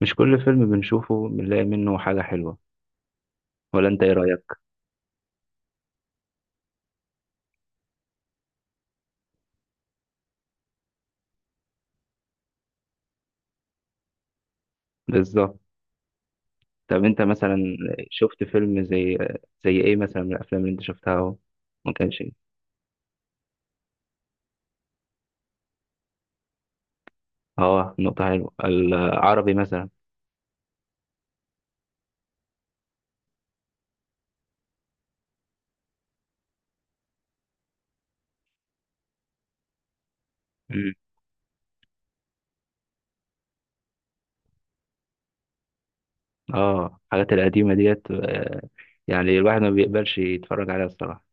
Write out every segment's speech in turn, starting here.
مش كل فيلم بنشوفه بنلاقي منه حاجة حلوة، ولا انت ايه رأيك؟ بالظبط. طب انت مثلا شفت فيلم زي ايه مثلا من الافلام اللي انت شفتها اهو؟ ما كانش إيه. اه، نقطة حلوة. العربي مثلا. مم. اه الحاجات القديمة ديت، يعني الواحد ما بيقبلش يتفرج عليها الصراحة.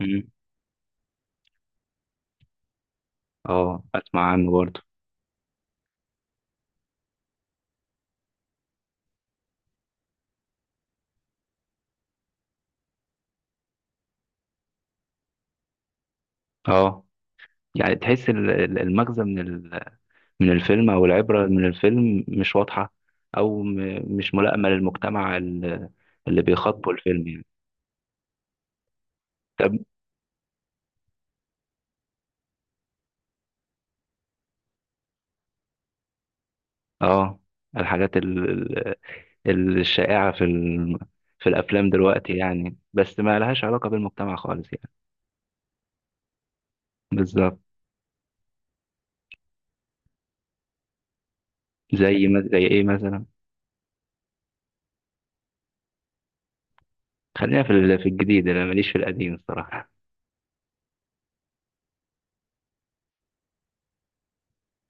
مم. اه اسمع عنه برضه. اه، يعني تحس المغزى من الفيلم أو العبرة من الفيلم مش واضحة، أو مش ملائمة للمجتمع اللي بيخاطبه الفيلم يعني. طب، آه الحاجات الشائعة في الأفلام دلوقتي يعني، بس ما لهاش علاقة بالمجتمع خالص يعني. بالظبط. زي ما زي إيه مثلا؟ خلينا في الجديد، أنا ماليش في القديم الصراحة.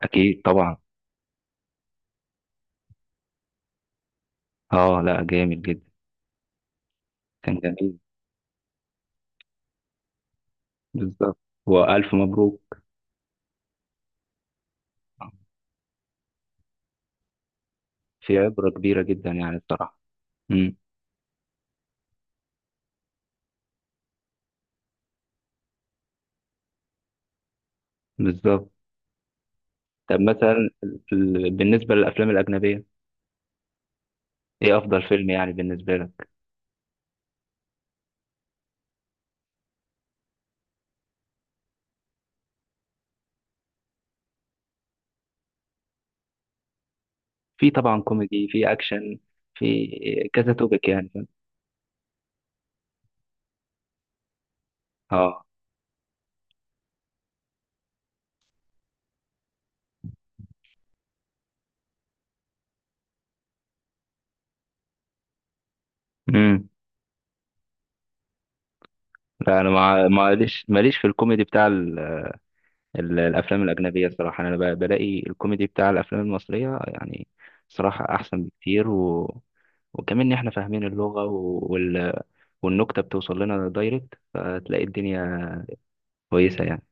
أكيد طبعا. آه لا، جامد جدا. كان جميل. بالظبط. وألف مبروك. في عبرة كبيرة جدا يعني الصراحة. امم. بالظبط. طب مثلا بالنسبة للأفلام الأجنبية، إيه أفضل فيلم يعني بالنسبة لك؟ في طبعا كوميدي، في أكشن. في كذا توبك يعني، فاهم؟ آه. امم. لا أنا معلش ماليش في الكوميدي بتاع الأفلام الأجنبية صراحة، أنا بلاقي الكوميدي بتاع الأفلام المصرية يعني صراحة أحسن بكتير، وكمان إن إحنا فاهمين اللغة والنكتة بتوصل لنا دايركت، فتلاقي الدنيا كويسة يعني.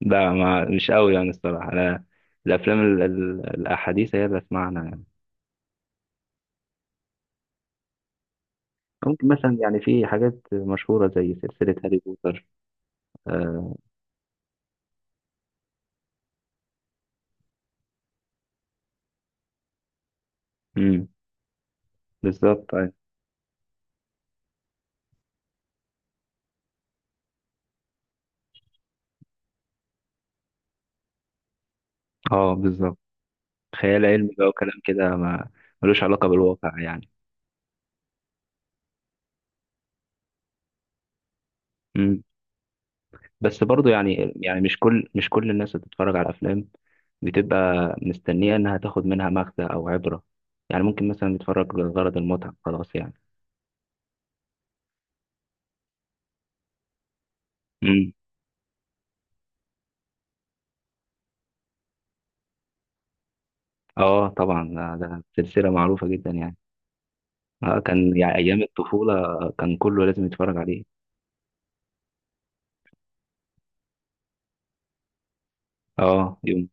لا ما مش قوي يعني الصراحة، أنا الأفلام الأحاديث هي اللي أسمعنا يعني. ممكن مثلا يعني في حاجات مشهورة زي سلسلة هاري بوتر. آه. مم، بالظبط أيوة. اه بالظبط. خيال علمي بقى وكلام كده، ما ملوش علاقة بالواقع يعني. مم. بس برضو يعني مش كل الناس اللي بتتفرج على الأفلام بتبقى مستنية إنها تاخد منها مغزى أو عبرة، يعني ممكن مثلا يتفرج لغرض المتعة خلاص يعني. مم. اه طبعا ده سلسلة معروفة جدا يعني. آه، كان يعني أيام الطفولة كان كله لازم يتفرج عليه. اه يوم.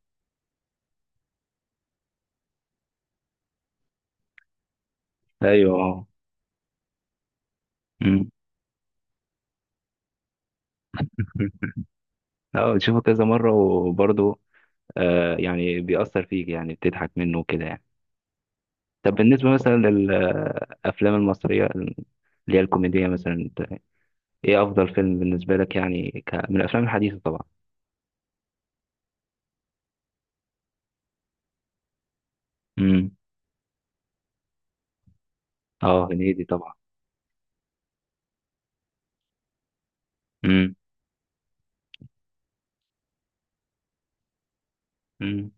أيوه اه. أمم. اه بتشوفه كذا مرة وبرضه، يعني بيأثر فيك يعني، بتضحك منه وكده يعني. طب بالنسبة مثلا للأفلام المصرية اللي هي الكوميدية مثلا، انت ايه أفضل فيلم بالنسبة لك يعني من الأفلام الحديثة طبعا؟ امم. اه، هنيدي طبعا. امم. امم،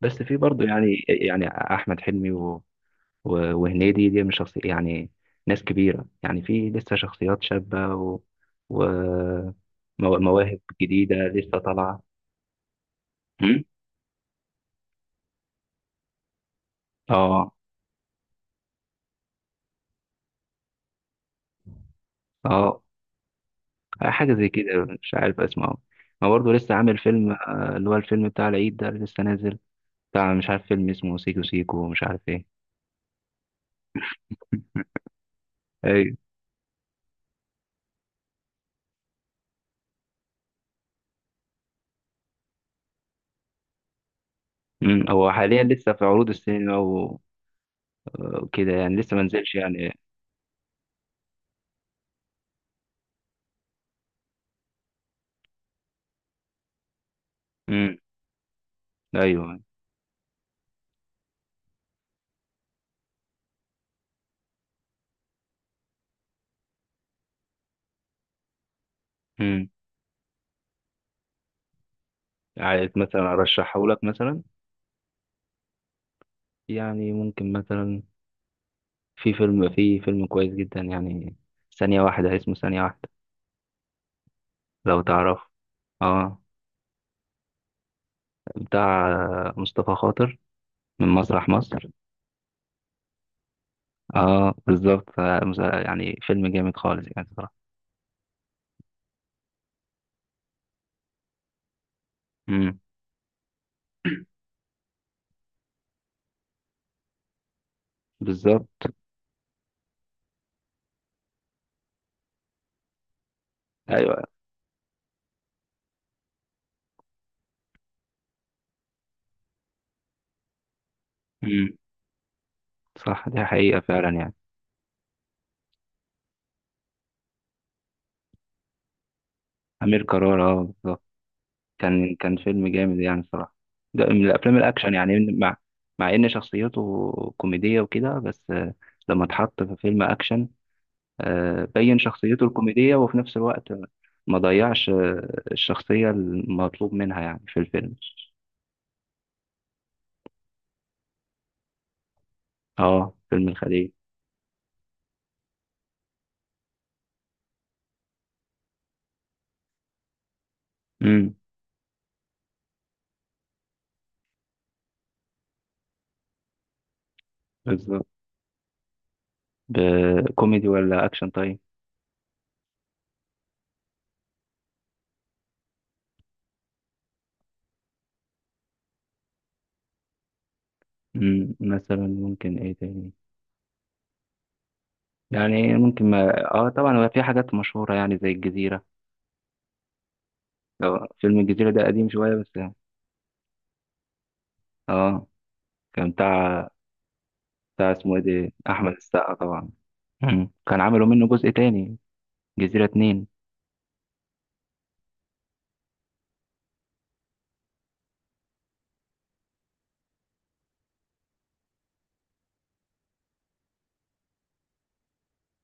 بس في برضه يعني يعني أحمد حلمي وهنيدي دي من شخصي يعني ناس كبيرة، يعني في لسه شخصيات شابة و... مواهب جديدة لسه طالعة. مم؟ اه. اه حاجة زي كده. مش عارف اسمه. ما برضه لسه عامل فيلم اللي هو الفيلم بتاع العيد ده اللي لسه نازل، بتاع مش عارف فيلم اسمه سيكو سيكو ومش عارف ايه. ايوه. مم، هو حاليا لسه في عروض السينما وكده يعني، لسه ما نزلش يعني. مم، ايوه. مم. عايز مثلا ارشحه لك مثلا، يعني ممكن مثلا في فيلم كويس جدا يعني، ثانية واحدة، اسمه ثانية واحدة، لو تعرف. اه، بتاع مصطفى خاطر من مسرح مصر. اه بالظبط. يعني فيلم جامد خالص يعني صراحة. امم. بالظبط. ايوه. امم، صح، دي حقيقة فعلا يعني. أمير كرارة اه بالظبط. كان فيلم جامد يعني صراحة. ده من الأفلام الأكشن يعني مع إن شخصيته كوميدية وكده، بس لما اتحط في فيلم أكشن، بين شخصيته الكوميدية وفي نفس الوقت ما ضيعش الشخصية المطلوب منها يعني في الفيلم. اه فيلم الخلية. امم. بالظبط. كوميدي ولا أكشن طيب؟ امم، مثلا ممكن إيه تاني يعني؟ ممكن ما طبعا هو في حاجات مشهورة يعني زي الجزيرة. آه، فيلم الجزيرة ده قديم شوية بس يعني. اه، كان بتاع اسمه ايه ده، أحمد السقا طبعا. مم. كان عملوا منه جزء تاني. جزيرة اتنين.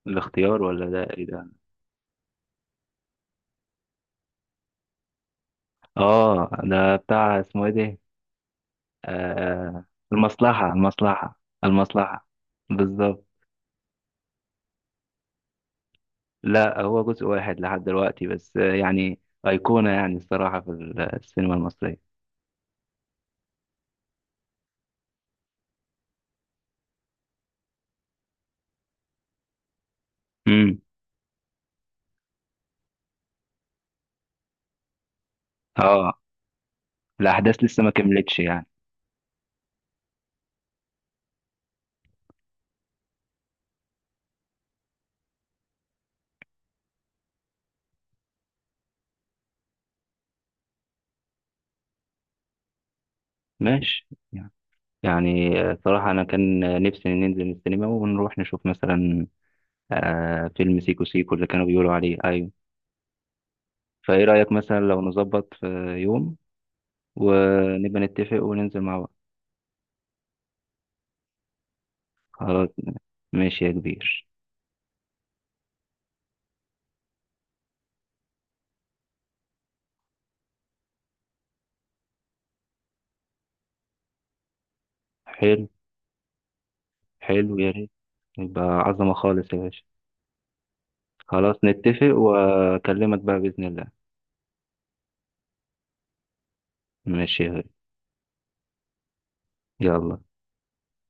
الاختيار ولا ده، ايه ده؟ اه ده بتاع اسمه ايه ده؟ آه. المصلحة، المصلحة، المصلحة. بالظبط. لا، هو جزء واحد لحد دلوقتي بس يعني أيقونة يعني الصراحة السينما المصرية. امم. اه الأحداث لسه ما كملتش يعني. ماشي يعني، صراحة أنا كان نفسي ننزل السينما ونروح نشوف مثلا آه فيلم سيكو سيكو اللي كانوا بيقولوا عليه أيوه. فإيه رأيك مثلا لو نظبط في يوم، ونبقى نتفق وننزل مع بعض؟ حركنا. ماشي يا كبير. حلو. حلو يا ريت. يبقى عظمة خالص يا باشا. خلاص نتفق وأكلمك بقى بإذن الله. ماشي يا غالي. يلا